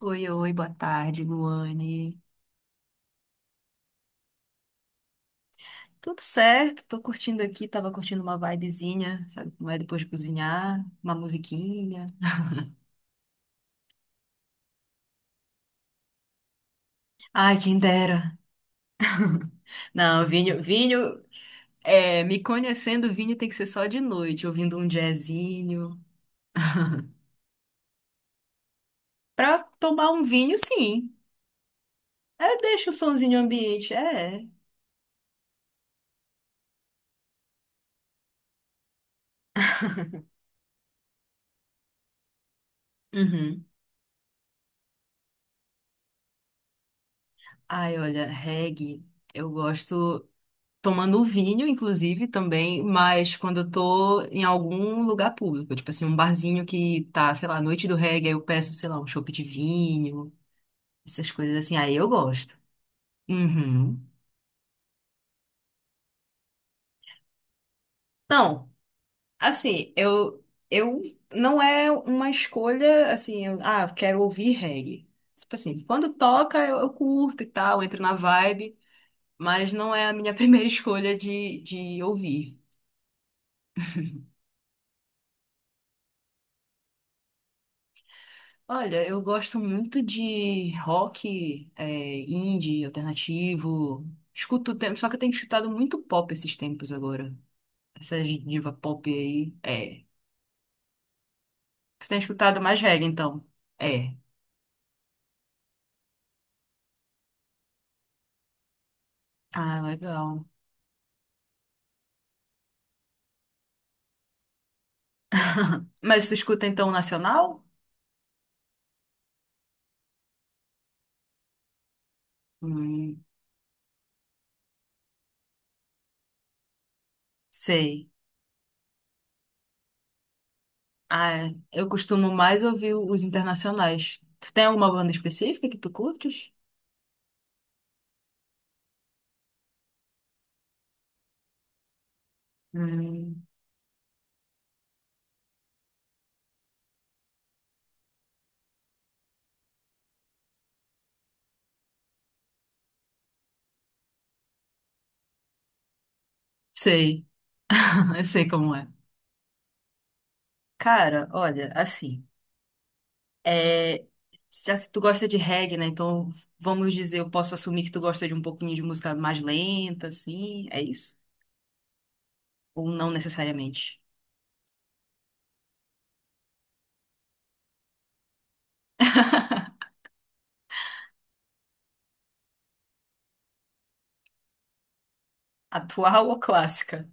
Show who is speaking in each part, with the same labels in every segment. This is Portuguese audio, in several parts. Speaker 1: Oi, oi, boa tarde, Luane. Tudo certo? Tô curtindo aqui, tava curtindo uma vibezinha, sabe como é depois de cozinhar, uma musiquinha. Ai, quem dera. Não, vinho, vinho, é, me conhecendo, vinho tem que ser só de noite, ouvindo um jazzinho. Pra tomar um vinho, sim. É, deixa o sonzinho ambiente, é. Uhum. Ai, olha, reggae, eu gosto, tomando vinho, inclusive, também, mas quando eu tô em algum lugar público, tipo assim, um barzinho que tá, sei lá, noite do reggae, aí eu peço, sei lá, um chopp de vinho, essas coisas assim, aí eu gosto. Uhum. Não, assim, eu não é uma escolha assim, ah, quero ouvir reggae. Tipo assim, quando toca eu curto e tal, entro na vibe, mas não é a minha primeira escolha de ouvir. Olha, eu gosto muito de rock, é, indie, alternativo. Escuto o tempo, só que eu tenho escutado muito pop esses tempos agora. Essas diva pop aí. É. Tu tem escutado mais reggae, então? É. Ah, legal. Mas tu escuta então o nacional? Hum, sei. Ah, eu costumo mais ouvir os internacionais. Tu tem alguma banda específica que tu curtes? Hum, sei. Eu sei como é. Cara, olha, assim. É, se tu gosta de reggae, né? Então, vamos dizer, eu posso assumir que tu gosta de um pouquinho de música mais lenta, assim, é isso? Ou não necessariamente? Atual ou clássica?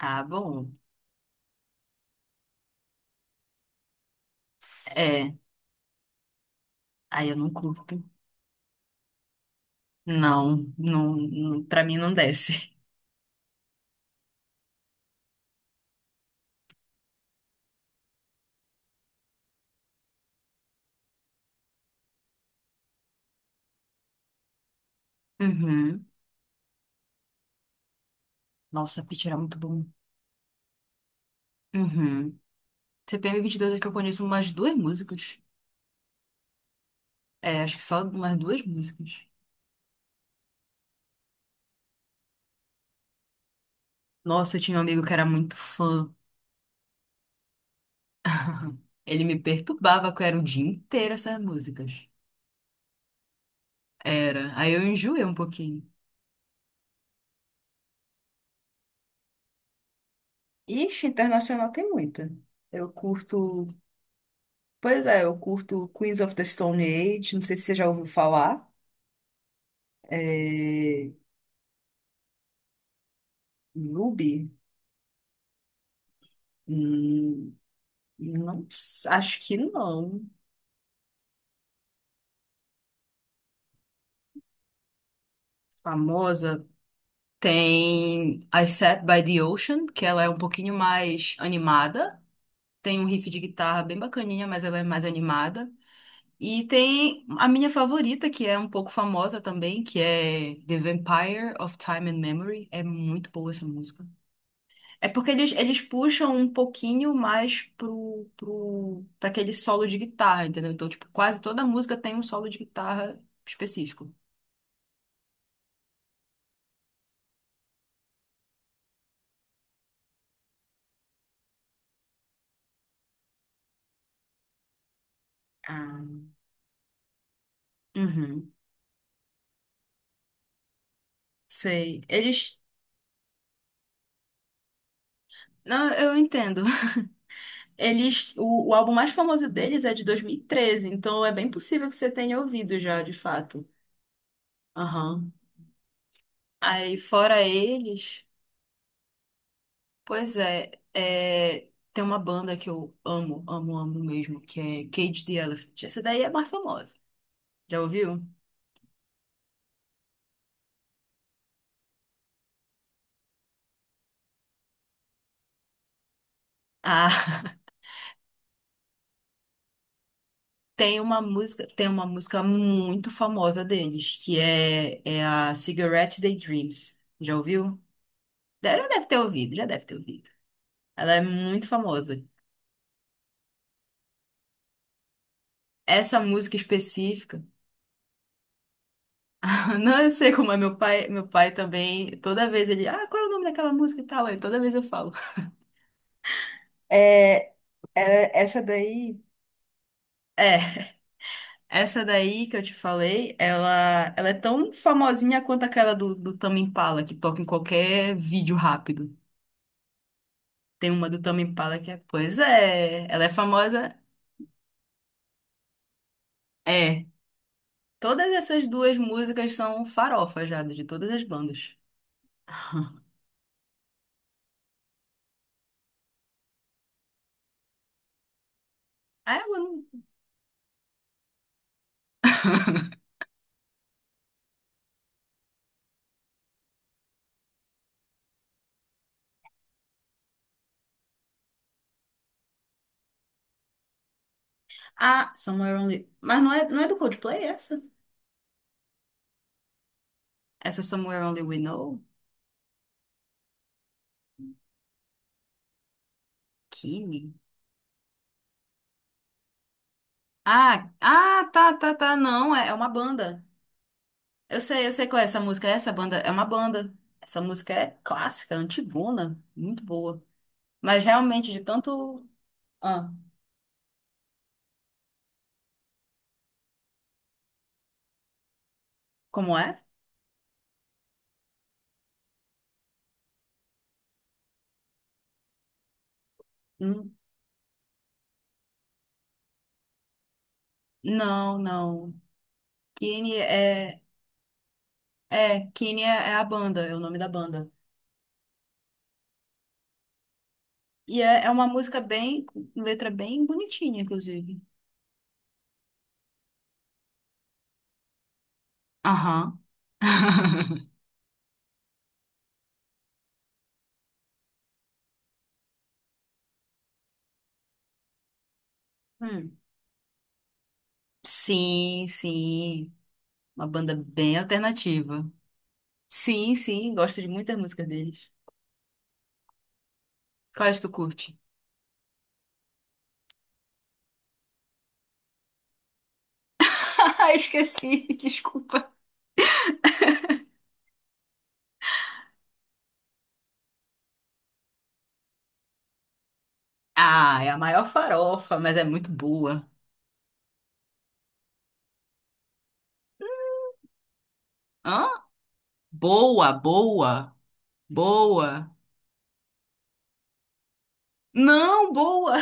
Speaker 1: Ah, bom. É, aí eu não curto. Não, não, não, pra mim não desce. Uhum. Nossa, Pitch era muito bom. Uhum. CPM22, é que eu conheço umas duas músicas. É, acho que só umas duas músicas. Nossa, eu tinha um amigo que era muito fã. Ele me perturbava, que era o dia inteiro essas músicas. Era. Aí eu enjoei um pouquinho. Ixi, internacional tem muita. Eu curto. Pois é, eu curto Queens of the Stone Age, não sei se você já ouviu falar. É. Ruby? Hum, não, acho que não. Famosa. Tem I Sat by the Ocean, que ela é um pouquinho mais animada. Tem um riff de guitarra bem bacaninha, mas ela é mais animada. E tem a minha favorita, que é um pouco famosa também, que é The Vampire of Time and Memory. É muito boa essa música. É porque eles puxam um pouquinho mais pra aquele solo de guitarra, entendeu? Então, tipo, quase toda música tem um solo de guitarra específico. Ah, uhum, sei. Eles. Não, eu entendo. Eles. O álbum mais famoso deles é de 2013, então é bem possível que você tenha ouvido já, de fato. Aham. Aí, fora eles. Pois é, tem uma banda que eu amo, amo, amo mesmo, que é Cage the Elephant. Essa daí é mais famosa. Já ouviu? Ah, tem uma música muito famosa deles, que é a Cigarette Daydreams. Já ouviu? Já deve ter ouvido, já deve ter ouvido. Ela é muito famosa. Essa música específica, não, eu sei como é. Meu pai também, toda vez ele, ah, qual é o nome daquela música e tal, aí toda vez eu falo. É, essa daí. É. Essa daí que eu te falei, ela é tão famosinha quanto aquela do Tame Impala, que toca em qualquer vídeo rápido. Tem uma do Tame Impala que é, pois é, ela é famosa. É, todas essas duas músicas são farofa já, de todas as bandas. Ah, eu não- ah, Somewhere Only. Mas não é do Coldplay essa? Essa é Somewhere Only We Know? Kimi? Ah, ah, tá, tá, tá. Não, é uma banda. Eu sei qual é essa música. Essa banda é uma banda. Essa música é clássica, antigona, muito boa. Mas realmente, de tanto. Ah, como é? Hum, Não, não. Kine é. É, Kine é a banda, é o nome da banda. E é uma música bem. Letra bem bonitinha, inclusive. Aham. Hum. Sim, sim. Uma banda bem alternativa. Sim, sim, gosto de muitas músicas deles. Quais tu curte? Ah, esqueci, desculpa. Ah, é a maior farofa, mas é muito boa. Hã? Boa, boa, boa. Não, boa.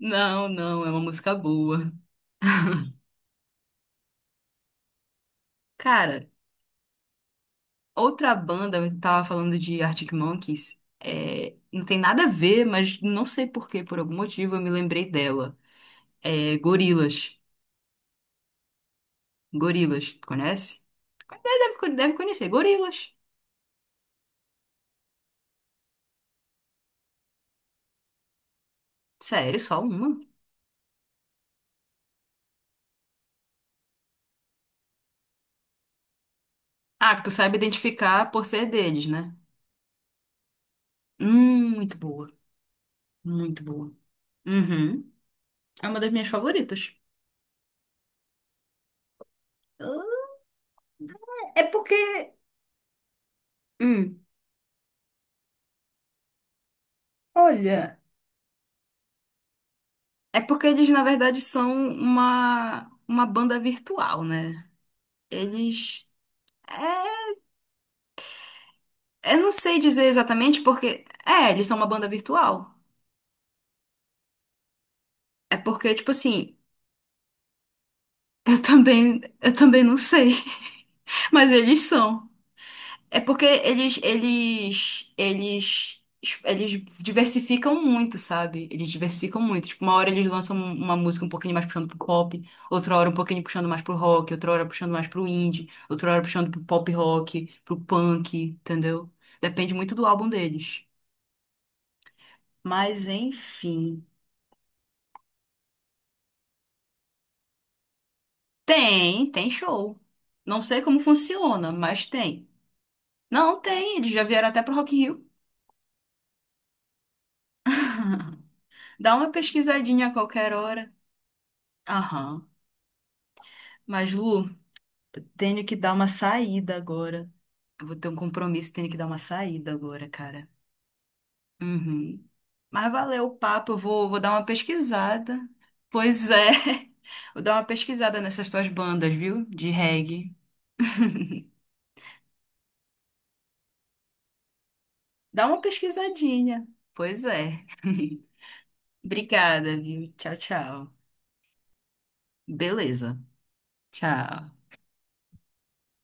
Speaker 1: Não, não, é uma música boa. Cara, outra banda, eu tava falando de Arctic Monkeys, é, não tem nada a ver, mas não sei por quê, por algum motivo eu me lembrei dela. É Gorillaz. Gorillaz, tu conhece? É, Deve conhecer, Gorillaz. Sério, só uma? Ah, que tu sabe identificar por ser deles, né? Muito boa. Muito boa. Uhum. É uma das minhas favoritas. É porque. Hum, Olha. É porque eles, na verdade, são uma banda virtual, né? Eles. É, eu não sei dizer exatamente porque. É, eles são uma banda virtual. É porque, tipo assim, eu também não sei. Mas eles são. É porque eles diversificam muito, sabe? Eles diversificam muito. Tipo, uma hora eles lançam uma música um pouquinho mais puxando pro pop, outra hora um pouquinho puxando mais pro rock, outra hora puxando mais pro indie, outra hora puxando pro pop rock, pro punk, entendeu? Depende muito do álbum deles. Mas enfim. Tem show. Não sei como funciona, mas tem. Não, tem. Eles já vieram até pro Rock in Rio. Dá uma pesquisadinha a qualquer hora. Aham. Mas, Lu, tenho que dar uma saída agora. Eu vou ter um compromisso, tenho que dar uma saída agora, cara. Uhum. Mas valeu o papo, eu vou dar uma pesquisada. Pois é, vou dar uma pesquisada nessas tuas bandas, viu? De reggae. Dá uma pesquisadinha. Pois é. Obrigada, viu? Tchau, tchau. Beleza. Tchau.